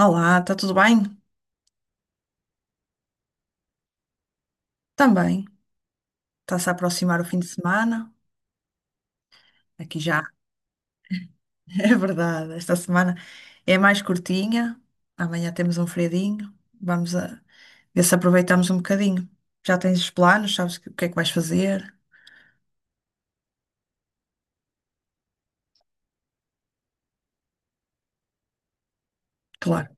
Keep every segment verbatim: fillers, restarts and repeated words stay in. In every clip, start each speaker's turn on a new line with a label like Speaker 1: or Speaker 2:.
Speaker 1: Olá, está tudo bem? Também. Está-se a aproximar o fim de semana. Aqui já, é verdade. Esta semana é mais curtinha. Amanhã temos um feriadinho. Vamos a ver se aproveitamos um bocadinho. Já tens os planos? Sabes o que é que vais fazer? Claro.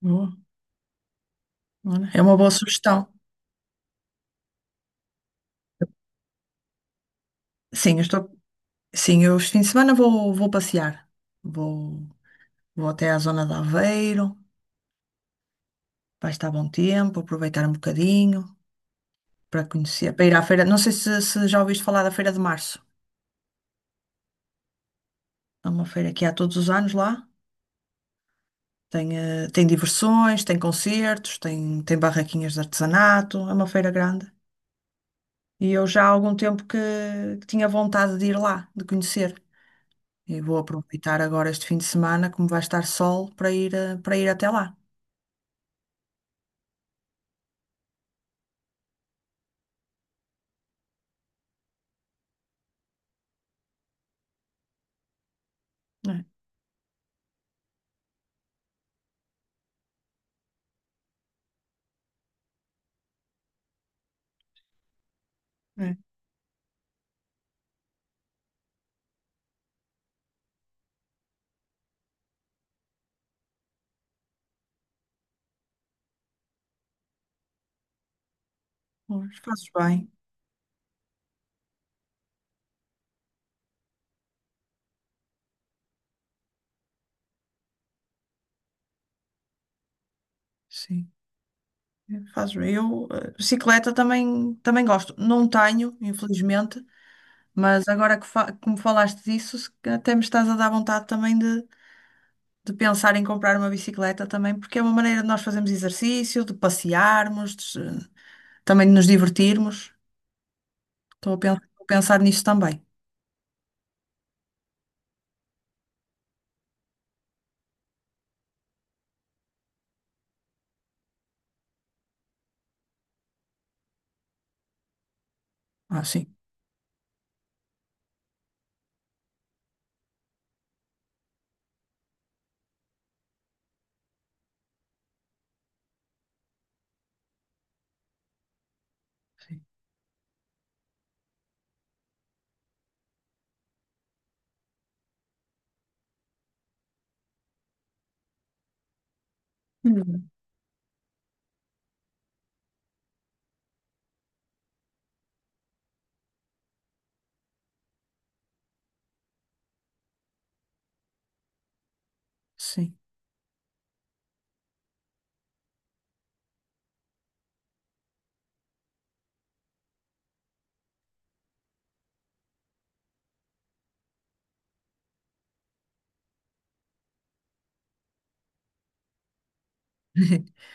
Speaker 1: Boa. Olha, é uma boa sugestão. Sim, eu estou. Sim, eu este fim de semana vou, vou passear. Vou, vou até à zona de Aveiro. Vai estar bom tempo, aproveitar um bocadinho para conhecer, para ir à feira. Não sei se, se já ouviste falar da Feira de Março. É uma feira que há todos os anos lá. Tem, eh, tem diversões, tem concertos, tem, tem barraquinhas de artesanato. É uma feira grande. E eu já há algum tempo que, que tinha vontade de ir lá, de conhecer. E vou aproveitar agora este fim de semana, como vai estar sol, para ir, eh, para ir até lá. É, é. Pois, fazes bem. Sim. Faço eu. eh, Bicicleta também, também gosto. Não tenho, infelizmente, mas agora que, fa que me falaste disso, se até me estás a dar vontade também de, de pensar em comprar uma bicicleta também, porque é uma maneira de nós fazermos exercício, de passearmos, de se- também de nos divertirmos. Estou a pen- a pensar nisso também. Ah, sim. Sim. Hum. Sim.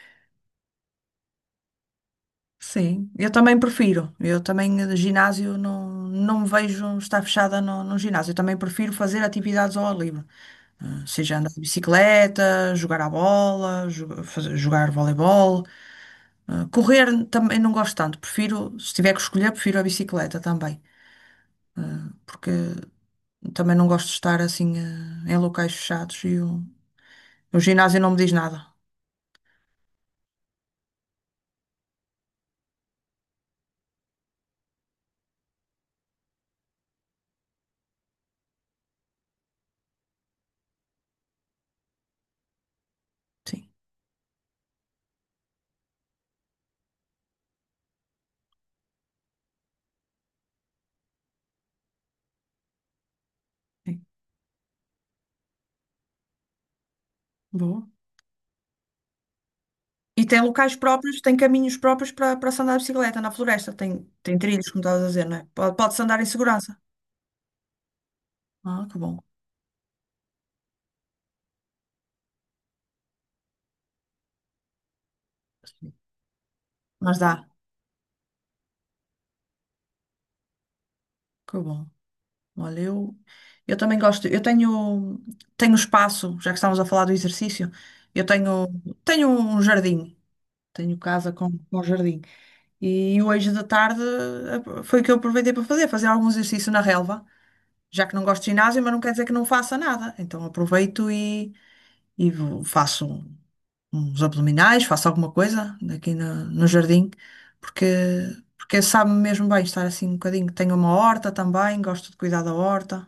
Speaker 1: Sim, eu também prefiro. Eu também, eh, ginásio, não, não me vejo estar fechada no, num ginásio. Eu também prefiro fazer atividades ao ar livre. Ah, seja andar de bicicleta, jogar à bola, jo- fazer- jogar voleibol. Eh, Correr também não gosto tanto. Prefiro, se tiver que escolher, prefiro a bicicleta também. Porque também não gosto de estar assim eh, em locais fechados e o, o ginásio não me diz nada. Sim. Sim. Boa. E tem locais próprios, tem caminhos próprios para, para se andar de bicicleta na floresta. Tem, tem trilhos, como estavas a dizer, não é? Pode- Pode-se andar em segurança. Ah, que bom. Mas dá. Que bom. Olha, eu, eu também gosto. Eu tenho, tenho espaço, já que estamos a falar do exercício, eu tenho, tenho um jardim. Tenho casa com, com jardim. E hoje da tarde eh, foi o que eu aproveitei para fazer, fazer algum exercício na relva, já que não gosto de ginásio, mas não quer dizer que não faça nada. Então aproveito e, e vou- faço uns abdominais, faço alguma coisa aqui no, no jardim, porque, porque sabe-me mesmo bem estar assim um bocadinho. Tenho uma horta também, gosto de cuidar da horta.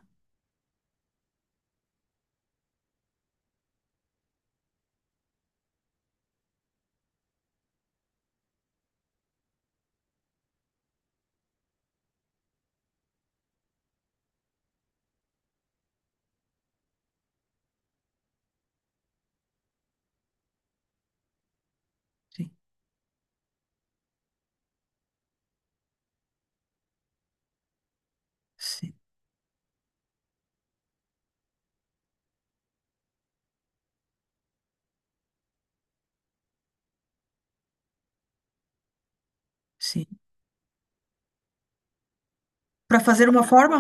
Speaker 1: Sim. Sim. Para fazer uma forma?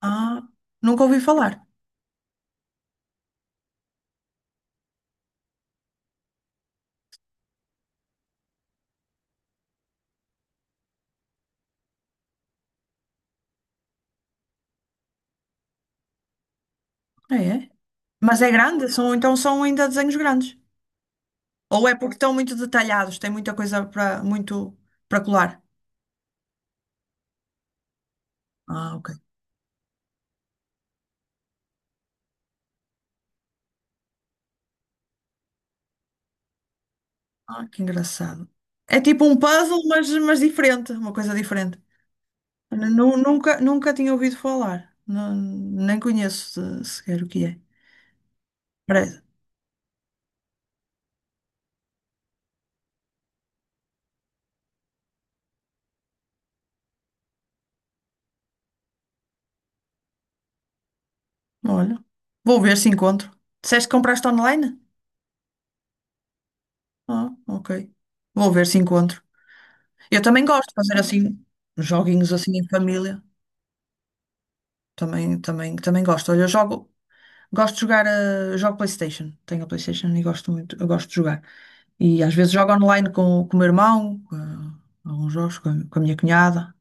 Speaker 1: Ah, nunca ouvi falar. É, é. Mas é grande? São, então são ainda desenhos grandes. Ou é porque estão muito detalhados, tem muita coisa para muito para colar. Ah, ok. Ah, que engraçado. É tipo um puzzle, mas, mas diferente, uma coisa diferente. Nu- Nunca, nunca tinha ouvido falar. Não- nem conheço eh, sequer o que é. Parece. Olha, vou ver se encontro. Disseste que compraste online? Ah, ok. Vou ver se encontro. Eu também gosto de fazer assim, joguinhos assim em família. Também, também, também gosto. Olha, eu jogo, gosto de jogar, eh, jogo PlayStation. Tenho a PlayStation e gosto muito, eu gosto de jogar. E às vezes jogo online com, com o meu irmão, com, eh, alguns jogos com, a com a minha cunhada.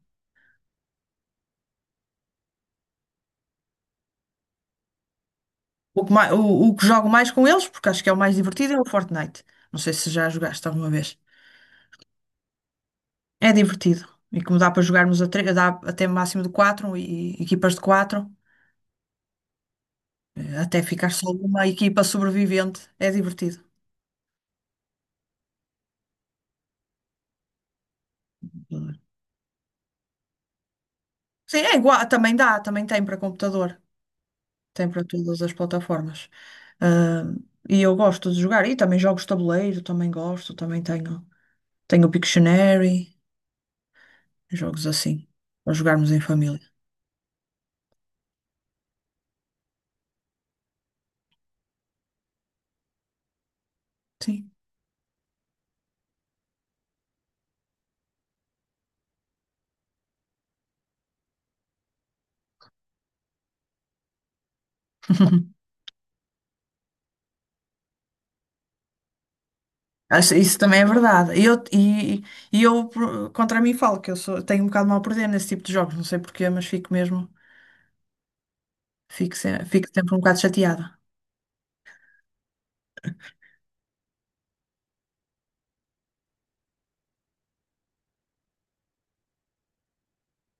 Speaker 1: O que, mai- o, o que jogo mais com eles, porque acho que é o mais divertido, é o Fortnite. Não sei se já jogaste alguma vez. É divertido. E como dá para jogarmos a tre- dá até máximo de quatro e equipas de quatro, eh, até ficar só uma equipa sobrevivente, é divertido. Sim, é igual, também dá, também tem para computador, tem para todas as plataformas. Ah, e eu gosto de jogar, e também jogos de tabuleiro, também gosto, também tenho, tenho o Pictionary, jogos assim, para jogarmos em família. Sim. Acho- Isso também é verdade. E eu, e, e eu por- contra mim falo que eu sou, tenho um bocado mal a perder nesse tipo de jogos, não sei porquê, mas fico mesmo, fico, se- fico sempre um bocado chateada.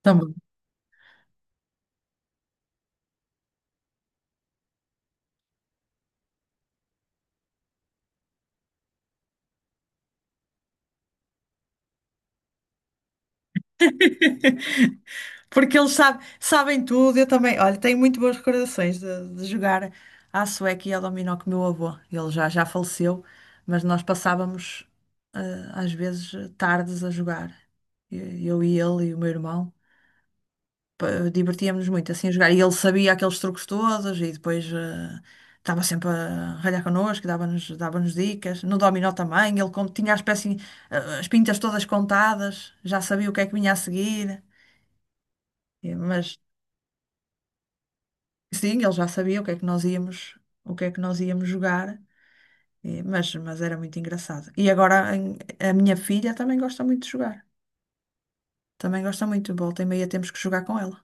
Speaker 1: Também. Porque eles sabe- sabem tudo, eu também. Olha, tenho muito boas recordações de, de jogar à sueca e ao dominó com o meu avô. Ele já, já faleceu, mas nós passávamos, eh, às vezes, tardes a jogar. E- Eu e ele e o meu irmão. Pa- Divertíamos-nos muito assim a jogar. E ele sabia aqueles truques todos e depois eh, estava sempre a ralhar connosco, dava-nos dava-nos dicas. No dominó também, ele como tinha as peças, eh, as pintas todas contadas, já sabia o que é que vinha a seguir. É, mas sim, ele já sabia o que é que nós íamos, o que é que nós íamos jogar, eh, mas, mas era muito engraçado. E agora em- a minha filha também gosta muito de jogar. Também gosta muito. Volta e meia temos que jogar com ela.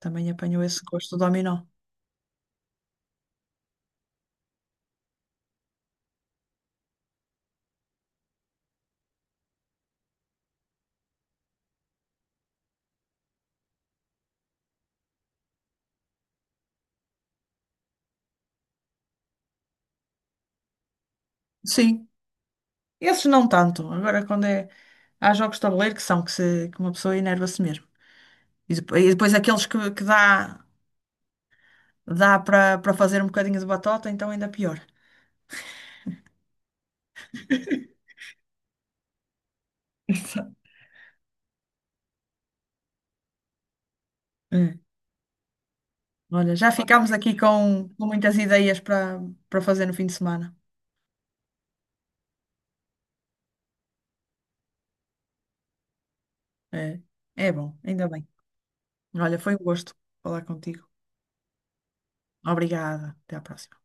Speaker 1: Também apanhou esse gosto do dominó. Sim, esses não tanto. Agora quando é. Há jogos de tabuleiro que são que, se, que uma pessoa enerva-se mesmo. E depo- e depois, aqueles que, que dá, dá para para fazer um bocadinho de batota, então ainda pior. É. Olha, já ficámos aqui com, com muitas ideias para para fazer no fim de semana. É, é bom, ainda bem. Olha, foi um gosto falar contigo. Obrigada. Até à próxima.